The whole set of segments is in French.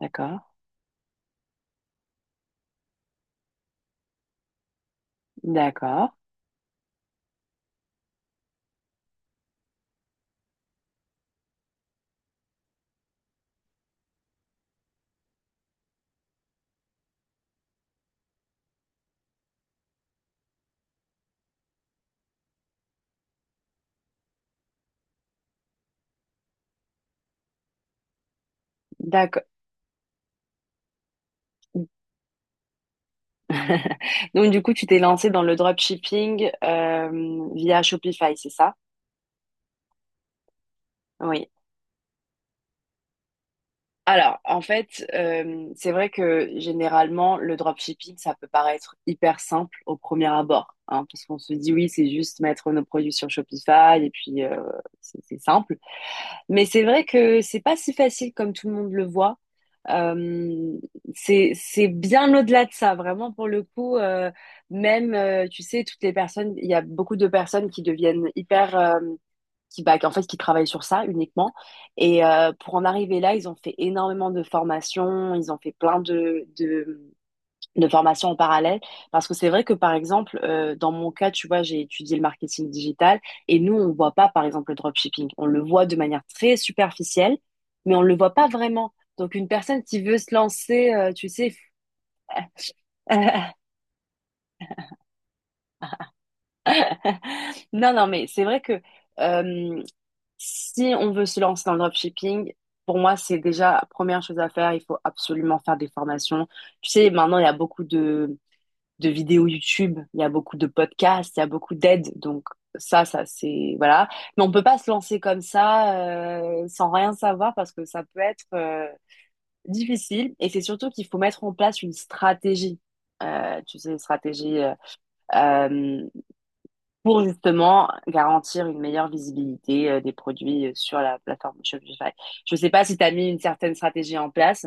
D'accord, d'accord, d'accord. Donc du coup, tu t'es lancé dans le dropshipping via Shopify, c'est ça? Oui. Alors, en fait, c'est vrai que généralement, le dropshipping, ça peut paraître hyper simple au premier abord, hein, parce qu'on se dit oui, c'est juste mettre nos produits sur Shopify et puis c'est simple. Mais c'est vrai que c'est pas si facile comme tout le monde le voit. Euh, c'est bien au-delà de ça, vraiment pour le coup. Même, tu sais, toutes les personnes, il y a beaucoup de personnes qui deviennent hyper, qui bah, en fait, qui travaillent sur ça uniquement. Et pour en arriver là, ils ont fait énormément de formations, ils ont fait plein de, de formation en parallèle parce que c'est vrai que par exemple dans mon cas tu vois j'ai étudié le marketing digital et nous on voit pas par exemple le dropshipping, on le voit de manière très superficielle mais on le voit pas vraiment. Donc une personne qui veut se lancer tu sais… Non non, mais c'est vrai que euh, si on veut se lancer dans le dropshipping, pour moi c'est déjà la première chose à faire, il faut absolument faire des formations. Tu sais maintenant il y a beaucoup de vidéos YouTube, il y a beaucoup de podcasts, il y a beaucoup d'aides. Donc ça c'est voilà. Mais on peut pas se lancer comme ça sans rien savoir parce que ça peut être difficile. Et c'est surtout qu'il faut mettre en place une stratégie. Tu sais, une stratégie euh, pour justement garantir une meilleure visibilité des produits sur la plateforme Shopify. Je ne sais pas si tu as mis une certaine stratégie en place.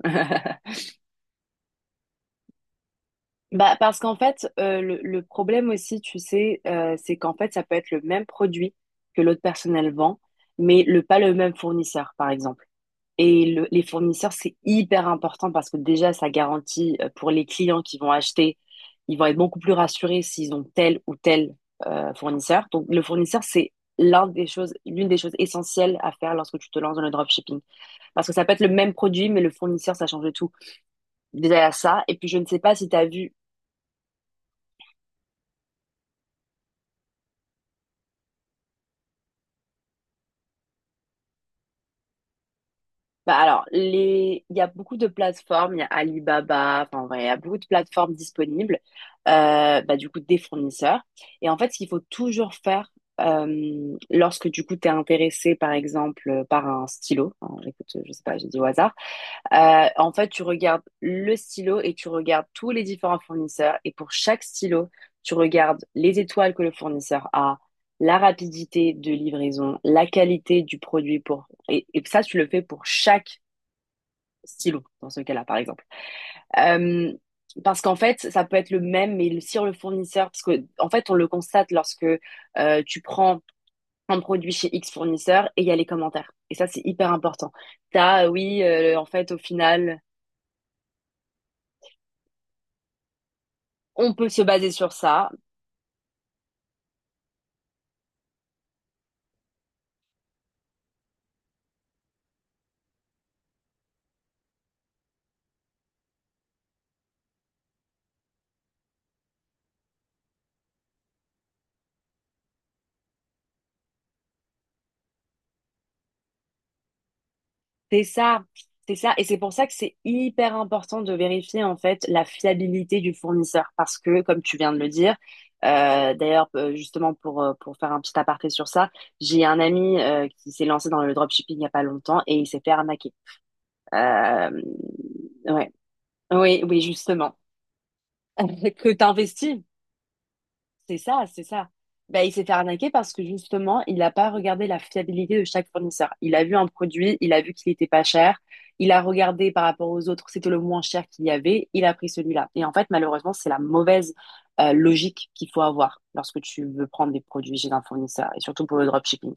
Bah, parce qu'en fait, le problème aussi, tu sais, c'est qu'en fait, ça peut être le même produit que l'autre personne elle vend, mais le, pas le même fournisseur, par exemple. Et le- les fournisseurs, c'est hyper important parce que déjà, ça garantit pour les clients qui vont acheter, ils vont être beaucoup plus rassurés s'ils ont tel ou tel fournisseur. Donc, le fournisseur, c'est l'un des choses, l'une des choses essentielles à faire lorsque tu te lances dans le dropshipping. Parce que ça peut être le même produit, mais le fournisseur, ça change de tout. Déjà, il y a ça. Et puis, je ne sais pas si tu as vu… Bah alors, les… il y a beaucoup de plateformes, il y a Alibaba, enfin, en vrai, il y a beaucoup de plateformes disponibles, bah, du coup, des fournisseurs. Et en fait, ce qu'il faut toujours faire lorsque, du coup, tu es intéressé, par exemple, par un stylo, hein, écoute, je sais pas, j'ai dit au hasard, en fait, tu regardes le stylo et tu regardes tous les différents fournisseurs. Et pour chaque stylo, tu regardes les étoiles que le fournisseur a, la rapidité de livraison, la qualité du produit pour… et ça, tu le fais pour chaque stylo dans ce cas-là, par exemple. Euh, Parce qu'en fait, ça peut être le même, mais le- sur le fournisseur, parce que en fait, on le constate lorsque tu prends un produit chez X fournisseur et il y a les commentaires. Et ça, c'est hyper important. T'as, oui, en fait, au final, on peut se baser sur ça. C'est ça, c'est ça. Et c'est pour ça que c'est hyper important de vérifier en fait la fiabilité du fournisseur. Parce que, comme tu viens de le dire, d'ailleurs, justement pour faire un petit aparté sur ça, j'ai un ami qui s'est lancé dans le dropshipping il n'y a pas longtemps et il s'est fait arnaquer. Euh, ouais. Oui, oui, justement. Que t'investis, c'est ça, c'est ça. Ben, il s'est fait arnaquer parce que justement, il n'a pas regardé la fiabilité de chaque fournisseur. Il a vu un produit, il a vu qu'il était pas cher, il a regardé par rapport aux autres, c'était le moins cher qu'il y avait, il a pris celui-là. Et en fait, malheureusement, c'est la mauvaise logique qu'il faut avoir lorsque tu veux prendre des produits chez un fournisseur, et surtout pour le dropshipping.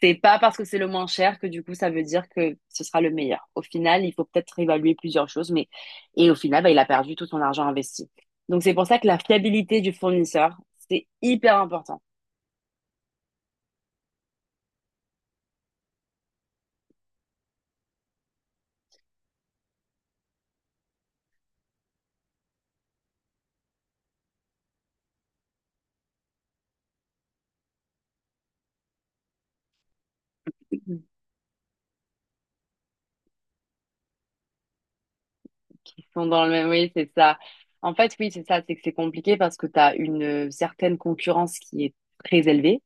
C'est pas parce que c'est le moins cher que du coup, ça veut dire que ce sera le meilleur. Au final, il faut peut-être évaluer plusieurs choses, mais et au final, ben, il a perdu tout son argent investi. Donc c'est pour ça que la fiabilité du fournisseur, c'est hyper important. Qui sont dans le même, oui, c'est ça. En fait, oui, c'est ça, c'est que c'est compliqué parce que tu as une certaine concurrence qui est très élevée.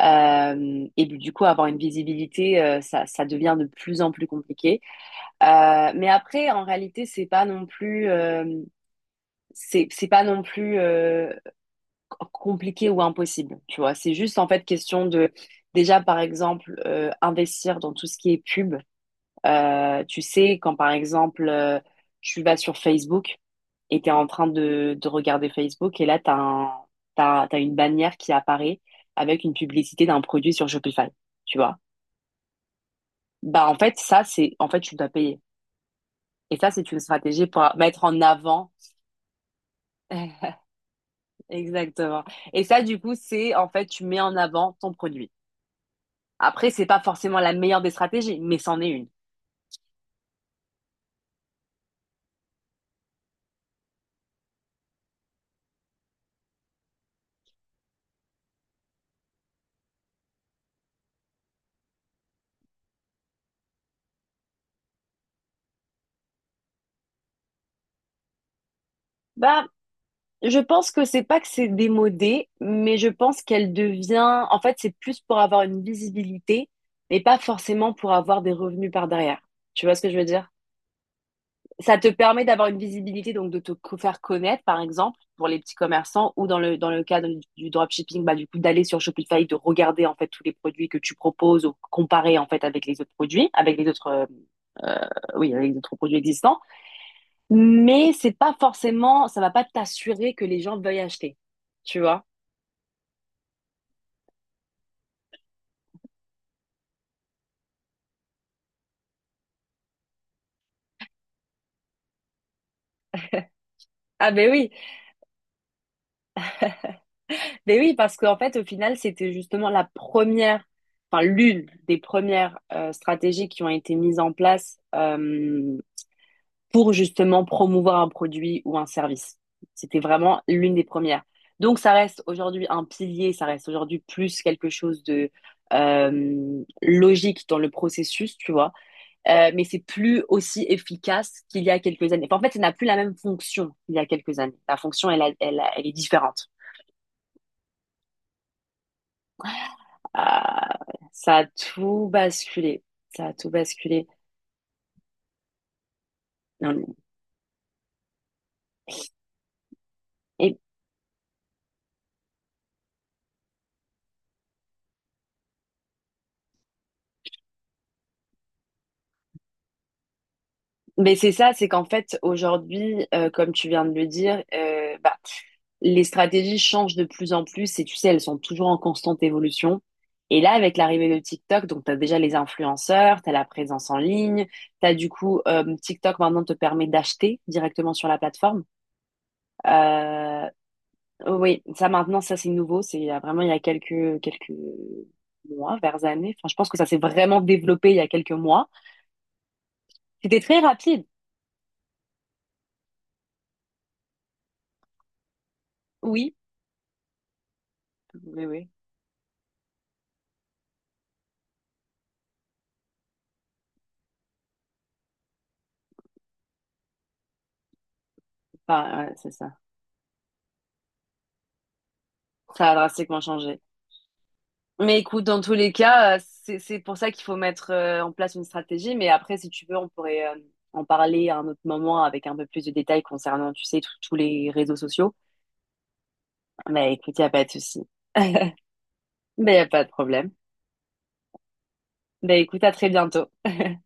Et du coup, avoir une visibilité, ça, ça devient de plus en plus compliqué. Mais après, en réalité, c'est pas non plus, c'est pas non plus compliqué ou impossible. Tu vois, c'est juste en fait question de, déjà, par exemple, investir dans tout ce qui est pub. Tu sais, quand par exemple, tu vas sur Facebook et tu es en train de regarder Facebook et là, tu as un, t'as, t'as une bannière qui apparaît avec une publicité d'un produit sur Shopify, tu vois. Bah, en fait, ça, c'est, en fait, tu dois payer. Et ça, c'est une stratégie pour mettre en avant. Exactement. Et ça, du coup, c'est, en fait, tu mets en avant ton produit. Après, c'est pas forcément la meilleure des stratégies, mais c'en est une. Bah, je pense que c'est pas que c'est démodé, mais je pense qu'elle devient, en fait, c'est plus pour avoir une visibilité, mais pas forcément pour avoir des revenus par derrière. Tu vois ce que je veux dire? Ça te permet d'avoir une visibilité, donc de te co- faire connaître, par exemple, pour les petits commerçants ou dans le cadre du dropshipping, bah, du coup, d'aller sur Shopify, de regarder, en fait, tous les produits que tu proposes ou comparer, en fait, avec les autres produits, avec les autres, euh, oui, avec les autres produits existants. Mais c'est pas forcément, ça va pas t'assurer que les gens veuillent acheter. Tu vois? Ah, ben oui, parce qu'en fait, au final, c'était justement la première, enfin, l'une des premières stratégies qui ont été mises en place. Pour justement promouvoir un produit ou un service. C'était vraiment l'une des premières. Donc ça reste aujourd'hui un pilier, ça reste aujourd'hui plus quelque chose de logique dans le processus, tu vois. Mais c'est plus aussi efficace qu'il y a quelques années. Enfin, en fait, ça n'a plus la même fonction qu'il y a quelques années. La fonction, elle, a- elle, a- elle est différente. Ah, ça a tout basculé. Ça a tout basculé. Non, non. Et, mais c'est ça, c'est qu'en fait, aujourd'hui, comme tu viens de le dire, bah, les stratégies changent de plus en plus et tu sais, elles sont toujours en constante évolution. Et là, avec l'arrivée de TikTok, donc tu as déjà les influenceurs, tu as la présence en ligne, tu as du coup TikTok maintenant te permet d'acheter directement sur la plateforme. Euh, oui, ça maintenant, ça c'est nouveau, c'est il y a vraiment il y a quelques, quelques mois, vers années. Enfin, je pense que ça s'est vraiment développé il y a quelques mois. C'était très rapide, oui, oui, oui. Enfin, ouais, c'est ça. Ça a drastiquement changé. Mais écoute, dans tous les cas, c'est pour ça qu'il faut mettre en place une stratégie. Mais après, si tu veux, on pourrait en parler à un autre moment avec un peu plus de détails concernant, tu sais, tous les réseaux sociaux. Mais écoute, il n'y a pas de souci. Mais il n'y a pas de problème. Ben écoute, à très bientôt.